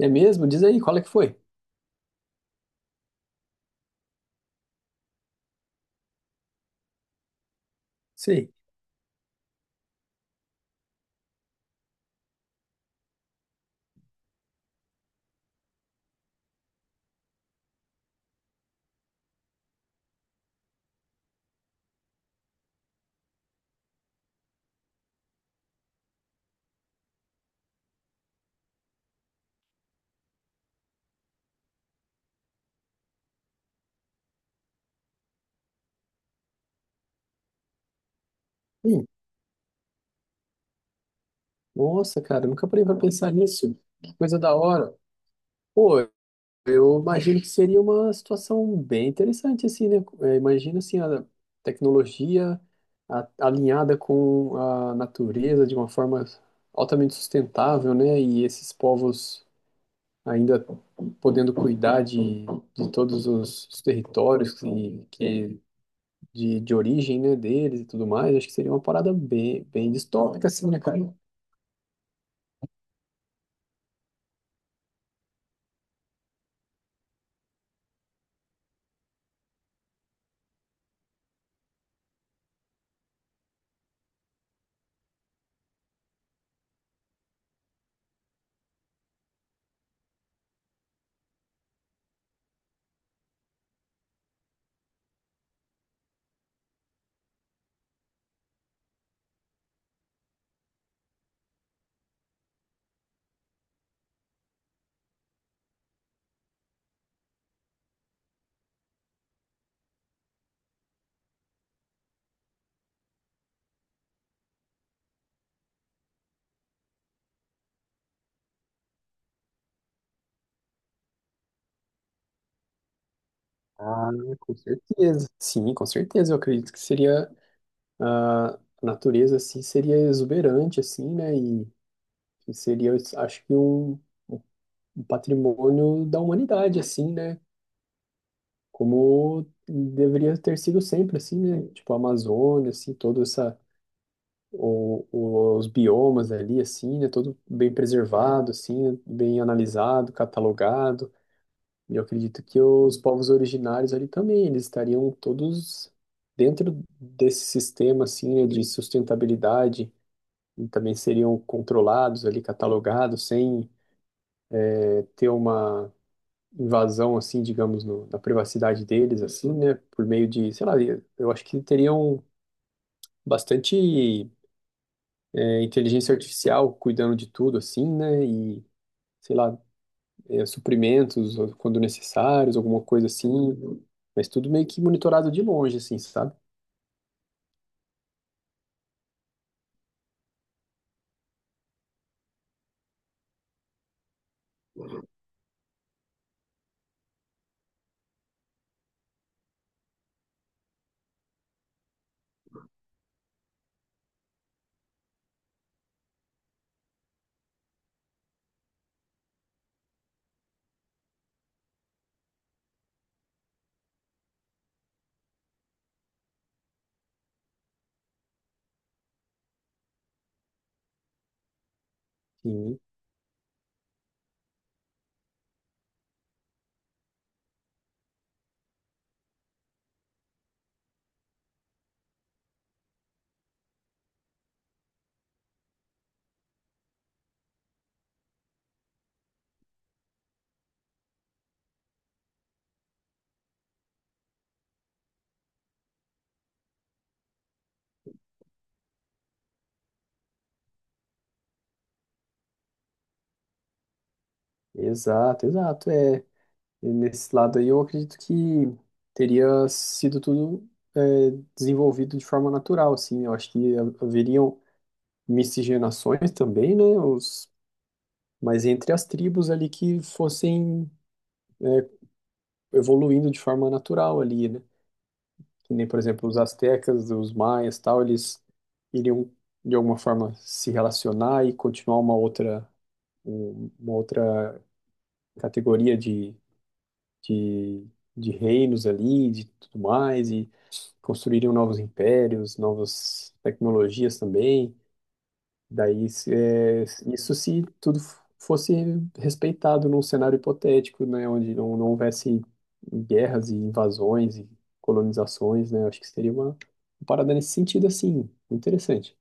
É mesmo? Diz aí, qual é que foi? Sei. Ih, nossa, cara, nunca parei pra pensar nisso. Que coisa da hora. Pô, eu imagino que seria uma situação bem interessante, assim, né? É, imagino, assim, a tecnologia alinhada com a natureza de uma forma altamente sustentável, né? E esses povos ainda podendo cuidar de todos os territórios que de origem, né, deles e tudo mais, acho que seria uma parada bem distópica, assim, né, cara? Ah, com certeza. Sim, com certeza, eu acredito que seria, ah, a natureza, assim, seria exuberante, assim, né, e seria, eu acho que um patrimônio da humanidade, assim, né, como deveria ter sido sempre, assim, né, tipo a Amazônia, assim, toda essa, os biomas ali, assim, né, todo bem preservado, assim, né, bem analisado, catalogado, e eu acredito que os povos originários ali também, eles estariam todos dentro desse sistema assim, né, de sustentabilidade e também seriam controlados ali, catalogados, sem ter uma invasão assim, digamos, no, na privacidade deles assim, né, por meio de, sei lá, eu acho que teriam bastante inteligência artificial cuidando de tudo assim, né, e sei lá, suprimentos quando necessários, alguma coisa assim, mas tudo meio que monitorado de longe, assim, sabe? Sim, exato, exato, é. E nesse lado aí eu acredito que teria sido tudo eh, desenvolvido de forma natural, assim, eu acho que haveriam miscigenações também, né, os, mas entre as tribos ali que fossem evoluindo de forma natural ali, né? Que nem, por exemplo, os astecas, os maias, tal, eles iriam de alguma forma se relacionar e continuar uma outra uma outra categoria de, de reinos ali, de tudo mais, e construiriam novos impérios, novas tecnologias também. Daí, isso se tudo fosse respeitado num cenário hipotético, né, onde não houvesse guerras e invasões e colonizações, né, eu acho que seria uma parada nesse sentido, assim, interessante.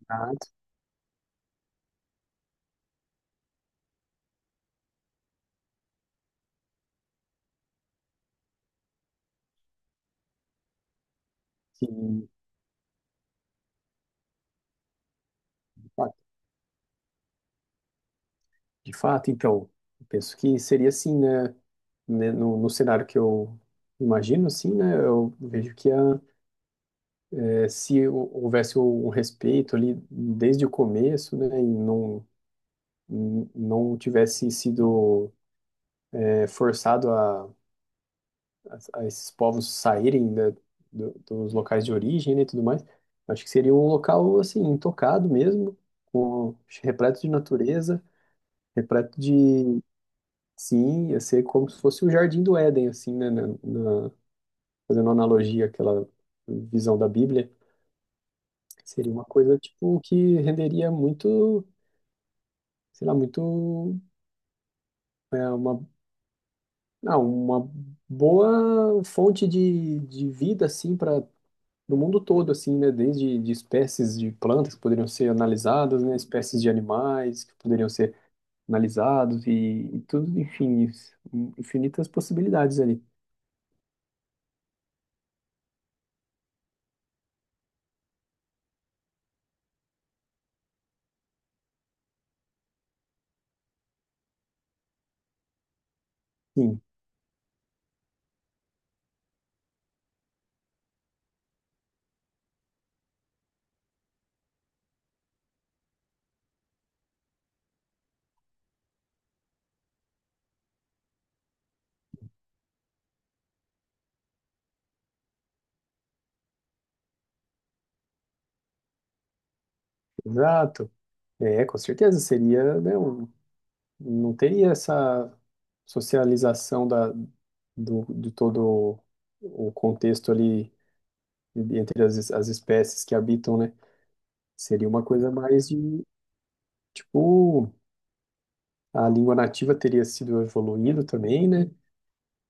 Exato. Sim, de fato, de fato, então, eu penso que seria assim, né, né, no cenário que eu imagino, assim, né, eu vejo que a, é, se houvesse um respeito ali desde o começo, né, e não tivesse sido é, forçado a esses povos saírem, né, dos locais de origem, né, e tudo mais. Acho que seria um local assim intocado mesmo, com, repleto de natureza, repleto de sim, ia ser como se fosse o Jardim do Éden assim, né, na- fazendo uma analogia àquela visão da Bíblia. Seria uma coisa tipo que renderia muito, sei lá, muito é, uma não, uma boa fonte de vida, assim, para o mundo todo, assim, né? Desde de espécies de plantas que poderiam ser analisadas, né? Espécies de animais que poderiam ser analisados e tudo, enfim, isso, infinitas possibilidades ali. Sim, exato. É, com certeza seria, né? Não teria essa socialização da, do, de todo o contexto ali entre as, as espécies que habitam, né? Seria uma coisa mais de, tipo, a língua nativa teria sido evoluindo também, né?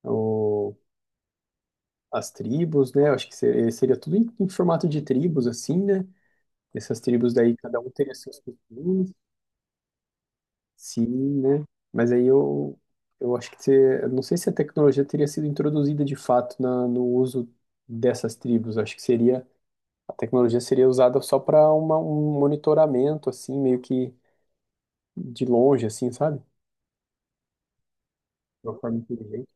Ou as tribos, né? Acho que seria, seria tudo em, em formato de tribos, assim, né? Essas tribos daí, cada um teria seus costumes, sim, né? Mas aí eu acho que, eu não sei se a tecnologia teria sido introduzida de fato na, no uso dessas tribos. Acho que seria, a tecnologia seria usada só para uma, um monitoramento, assim, meio que de longe, assim, sabe? De uma forma inteligente.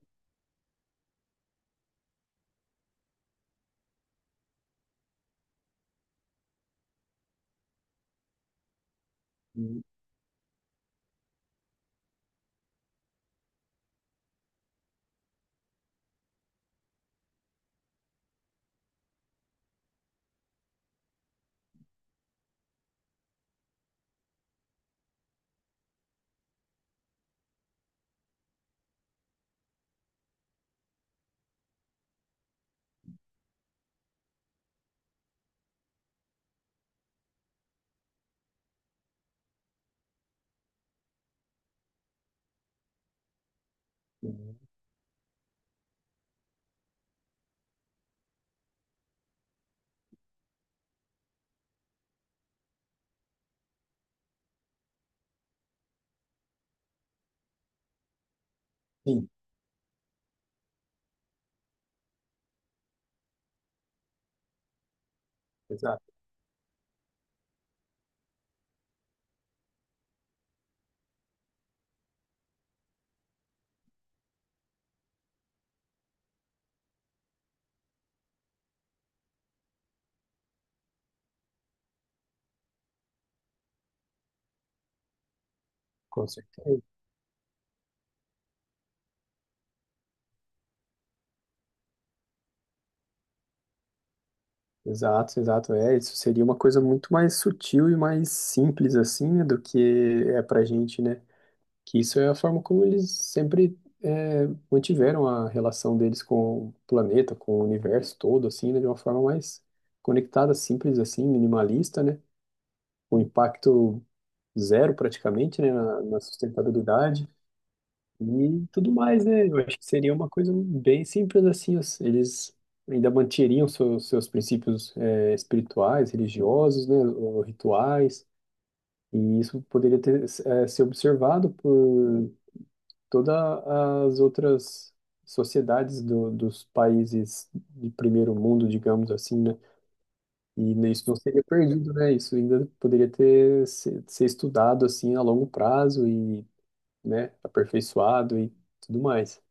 Sim, exato, com certeza. Exato, exato. É, isso seria uma coisa muito mais sutil e mais simples, assim, né, do que é pra gente, né? Que isso é a forma como eles sempre é, mantiveram a relação deles com o planeta, com o universo todo, assim, né, de uma forma mais conectada, simples, assim, minimalista, né? Um impacto zero, praticamente, né, na sustentabilidade. E tudo mais, né? Eu acho que seria uma coisa bem simples assim. Eles ainda manteriam seus princípios espirituais, religiosos, né? Ou rituais. E isso poderia ter, ser observado por todas as outras sociedades dos países de primeiro mundo, digamos assim, né? E isso não seria perdido, né? Isso ainda poderia ter ser estudado assim a longo prazo e, né? Aperfeiçoado e tudo mais.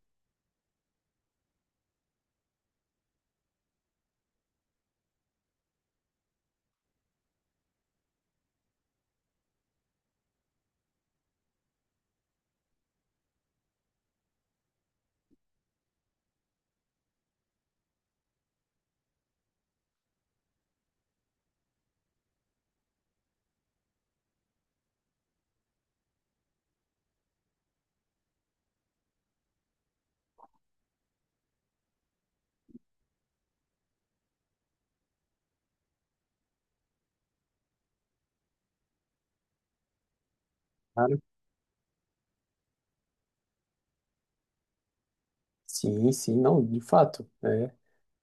Sim, sim, não, de fato, é,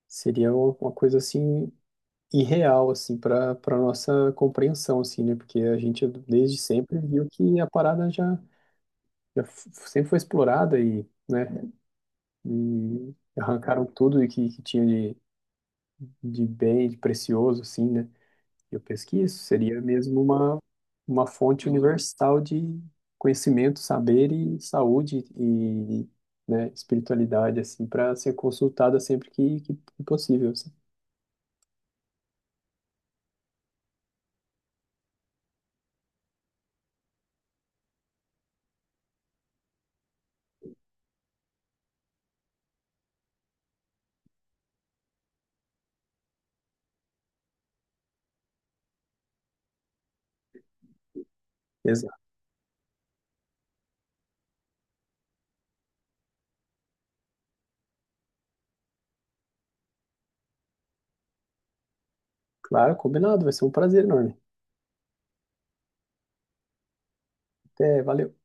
seria uma coisa assim irreal assim para para nossa compreensão assim, né? Porque a gente desde sempre viu que a parada já, já f- sempre foi explorada e, né, e arrancaram tudo e que tinha de bem, de precioso assim, né? Eu pesquiso, seria mesmo uma fonte universal de conhecimento, saber e saúde e, né, espiritualidade, assim, para ser consultada sempre que possível, assim. Exato. Claro, combinado, vai ser um prazer enorme. Até, valeu.